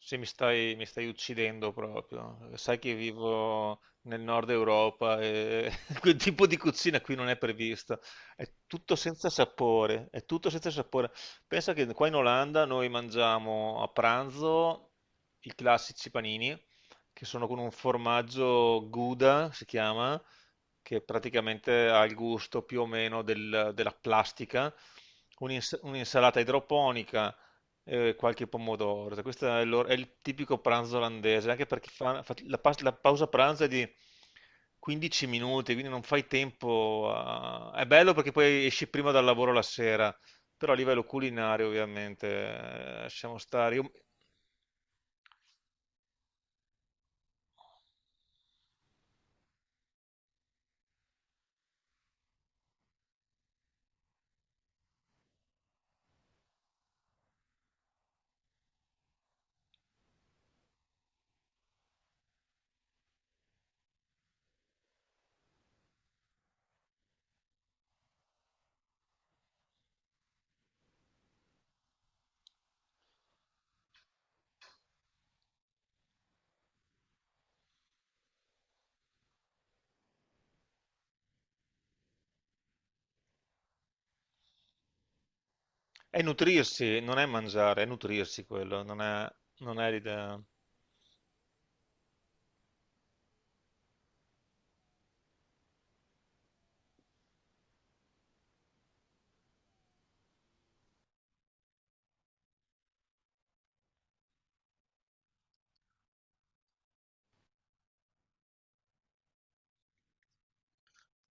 Sì, mi stai uccidendo proprio. Sai che vivo nel nord Europa e quel tipo di cucina qui non è prevista. È tutto senza sapore, è tutto senza sapore. Pensa che qua in Olanda noi mangiamo a pranzo i classici panini, che sono con un formaggio Gouda, si chiama, che praticamente ha il gusto più o meno della plastica. Un'insalata idroponica e qualche pomodoro. Cioè, questo è, è il tipico pranzo olandese, anche perché la pausa pranzo è di 15 minuti, quindi non fai tempo È bello perché poi esci prima dal lavoro la sera, però a livello culinario ovviamente siamo stati... È nutrirsi, non è mangiare, è nutrirsi quello, non è, non è l'idea.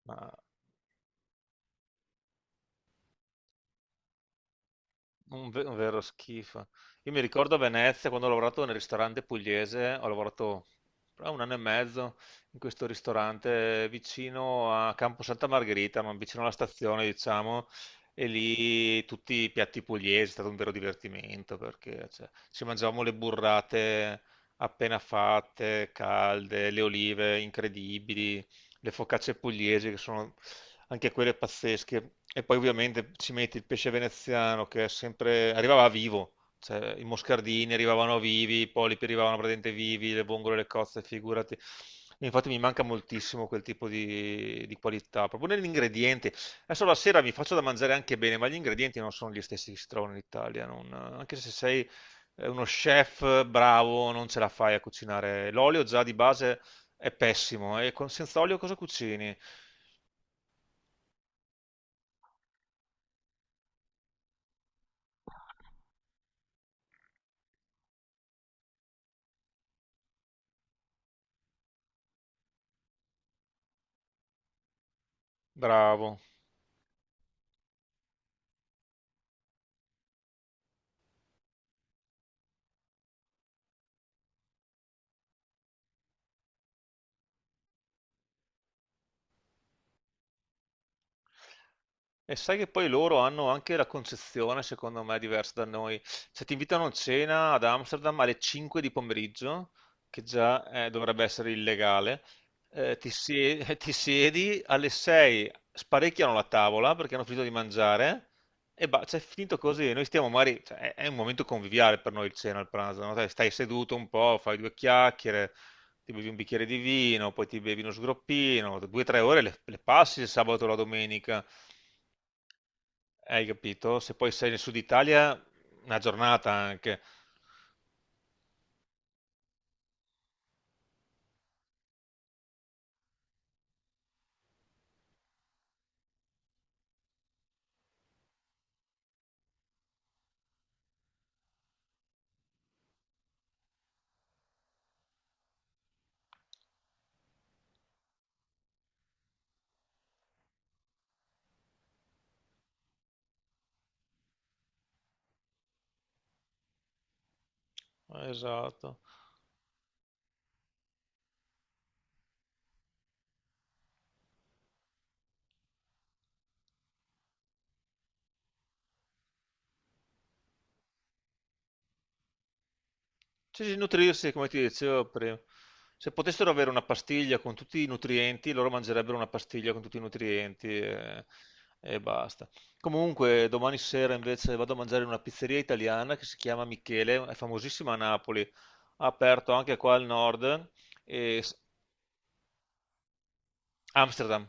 Ma un vero schifo. Io mi ricordo a Venezia quando ho lavorato nel ristorante pugliese, ho lavorato un anno e mezzo in questo ristorante vicino a Campo Santa Margherita, ma vicino alla stazione, diciamo, e lì tutti i piatti pugliesi, è stato un vero divertimento perché cioè, ci mangiavamo le burrate appena fatte, calde, le olive incredibili, le focacce pugliesi che sono anche quelle pazzesche, e poi ovviamente ci metti il pesce veneziano che è sempre arrivava vivo, cioè i moscardini arrivavano vivi, i polipi arrivavano praticamente vivi, le vongole, le cozze, figurati. E infatti mi manca moltissimo quel tipo di qualità, proprio negli ingredienti. Adesso la sera mi faccio da mangiare anche bene, ma gli ingredienti non sono gli stessi che si trovano in Italia, non- anche se sei uno chef bravo non ce la fai a cucinare. L'olio già di base è pessimo. E con senza olio cosa cucini? Bravo. E sai che poi loro hanno anche la concezione, secondo me, diversa da noi. Se ti invitano a cena ad Amsterdam alle 5 di pomeriggio, che già dovrebbe essere illegale, ti siedi alle 6, sparecchiano la tavola perché hanno finito di mangiare e cioè, è finito così. Noi stiamo magari, cioè, è un momento conviviale per noi il cena, il pranzo, no? Dai, stai seduto un po', fai due chiacchiere, ti bevi un bicchiere di vino, poi ti bevi uno sgroppino, 2 o 3 ore le passi il sabato o la domenica, hai capito? Se poi sei nel sud Italia, una giornata anche. Esatto. Cioè, sì, nutrirsi, come ti dicevo prima. Se potessero avere una pastiglia con tutti i nutrienti, loro mangerebbero una pastiglia con tutti i nutrienti e basta. Comunque, domani sera invece vado a mangiare in una pizzeria italiana che si chiama Michele, è famosissima a Napoli, ha aperto anche qua al nord e Amsterdam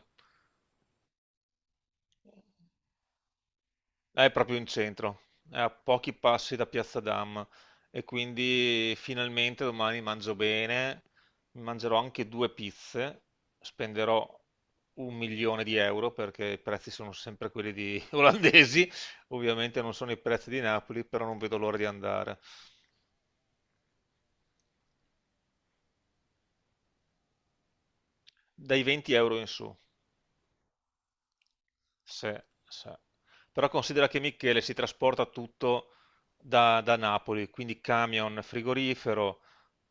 è proprio in centro, è a pochi passi da Piazza Dam e quindi finalmente domani mangio bene, mi mangerò anche due pizze, spenderò un milione di euro perché i prezzi sono sempre quelli di olandesi, ovviamente non sono i prezzi di Napoli, però non vedo l'ora di andare, dai 20 euro in su. Sì, sì. Però considera che Michele si trasporta tutto da, da Napoli, quindi camion frigorifero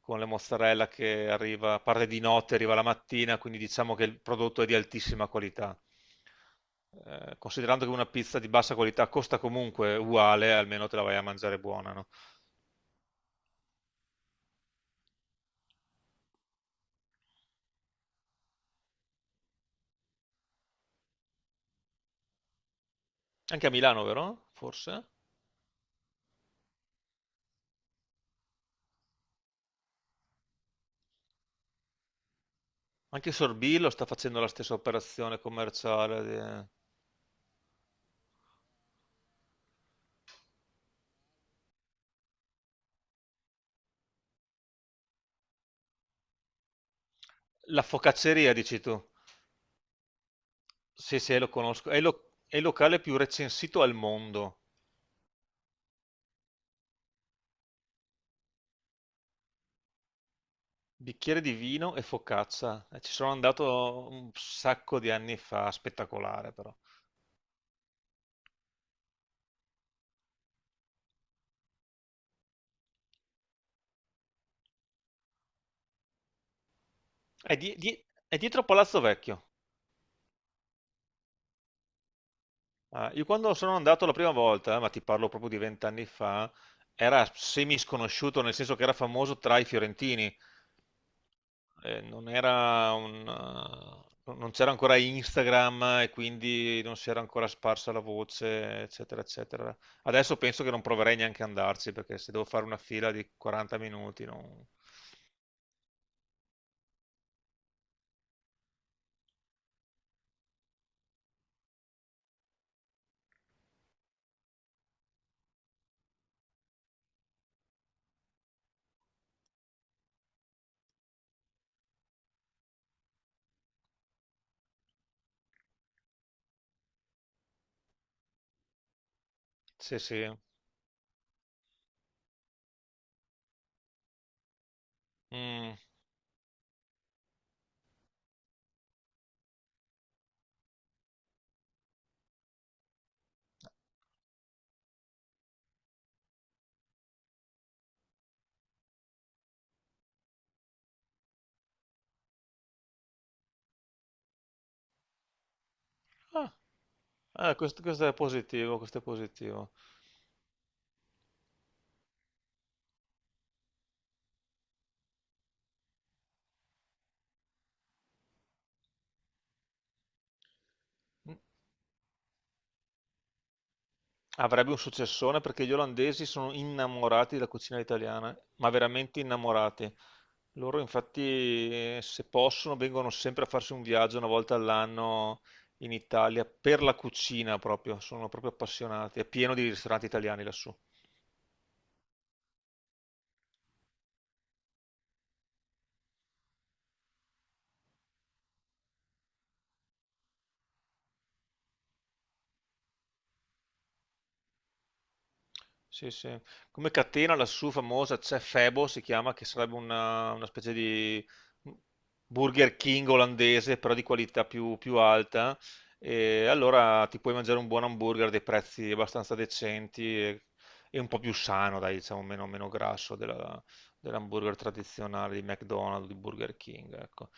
con le mozzarella che arriva, parte di notte, arriva la mattina, quindi diciamo che il prodotto è di altissima qualità. Considerando che una pizza di bassa qualità costa comunque uguale, almeno te la vai a mangiare buona, no? Anche a Milano, vero? Forse? Anche Sorbillo sta facendo la stessa operazione commerciale. La focacceria, dici tu? Sì, sì, lo conosco. È il locale più recensito al mondo. Bicchiere di vino e focaccia. Ci sono andato un sacco di anni fa, spettacolare però. È, di- di- è dietro Palazzo Vecchio. Ah, io quando sono andato la prima volta, ma ti parlo proprio di vent'anni fa, era semi sconosciuto, nel senso che era famoso tra i fiorentini. Non era non c'era ancora Instagram e quindi non si era ancora sparsa la voce, eccetera, eccetera. Adesso penso che non proverei neanche ad andarci perché se devo fare una fila di 40 minuti, non... Sì, sì. Mm. Ah, questo è positivo, questo è positivo. Avrebbe un successone perché gli olandesi sono innamorati della cucina italiana, ma veramente innamorati. Loro infatti, se possono, vengono sempre a farsi un viaggio una volta all'anno in Italia per la cucina proprio, sono proprio appassionati. È pieno di ristoranti italiani lassù. Sì, sì. Come catena lassù famosa c'è Febo, si chiama, che sarebbe una specie di Burger King olandese, però di qualità più, più alta. E allora ti puoi mangiare un buon hamburger a dei prezzi abbastanza decenti e un po' più sano, dai, diciamo, meno, meno grasso dell'hamburger tradizionale di McDonald's, di Burger King, ecco.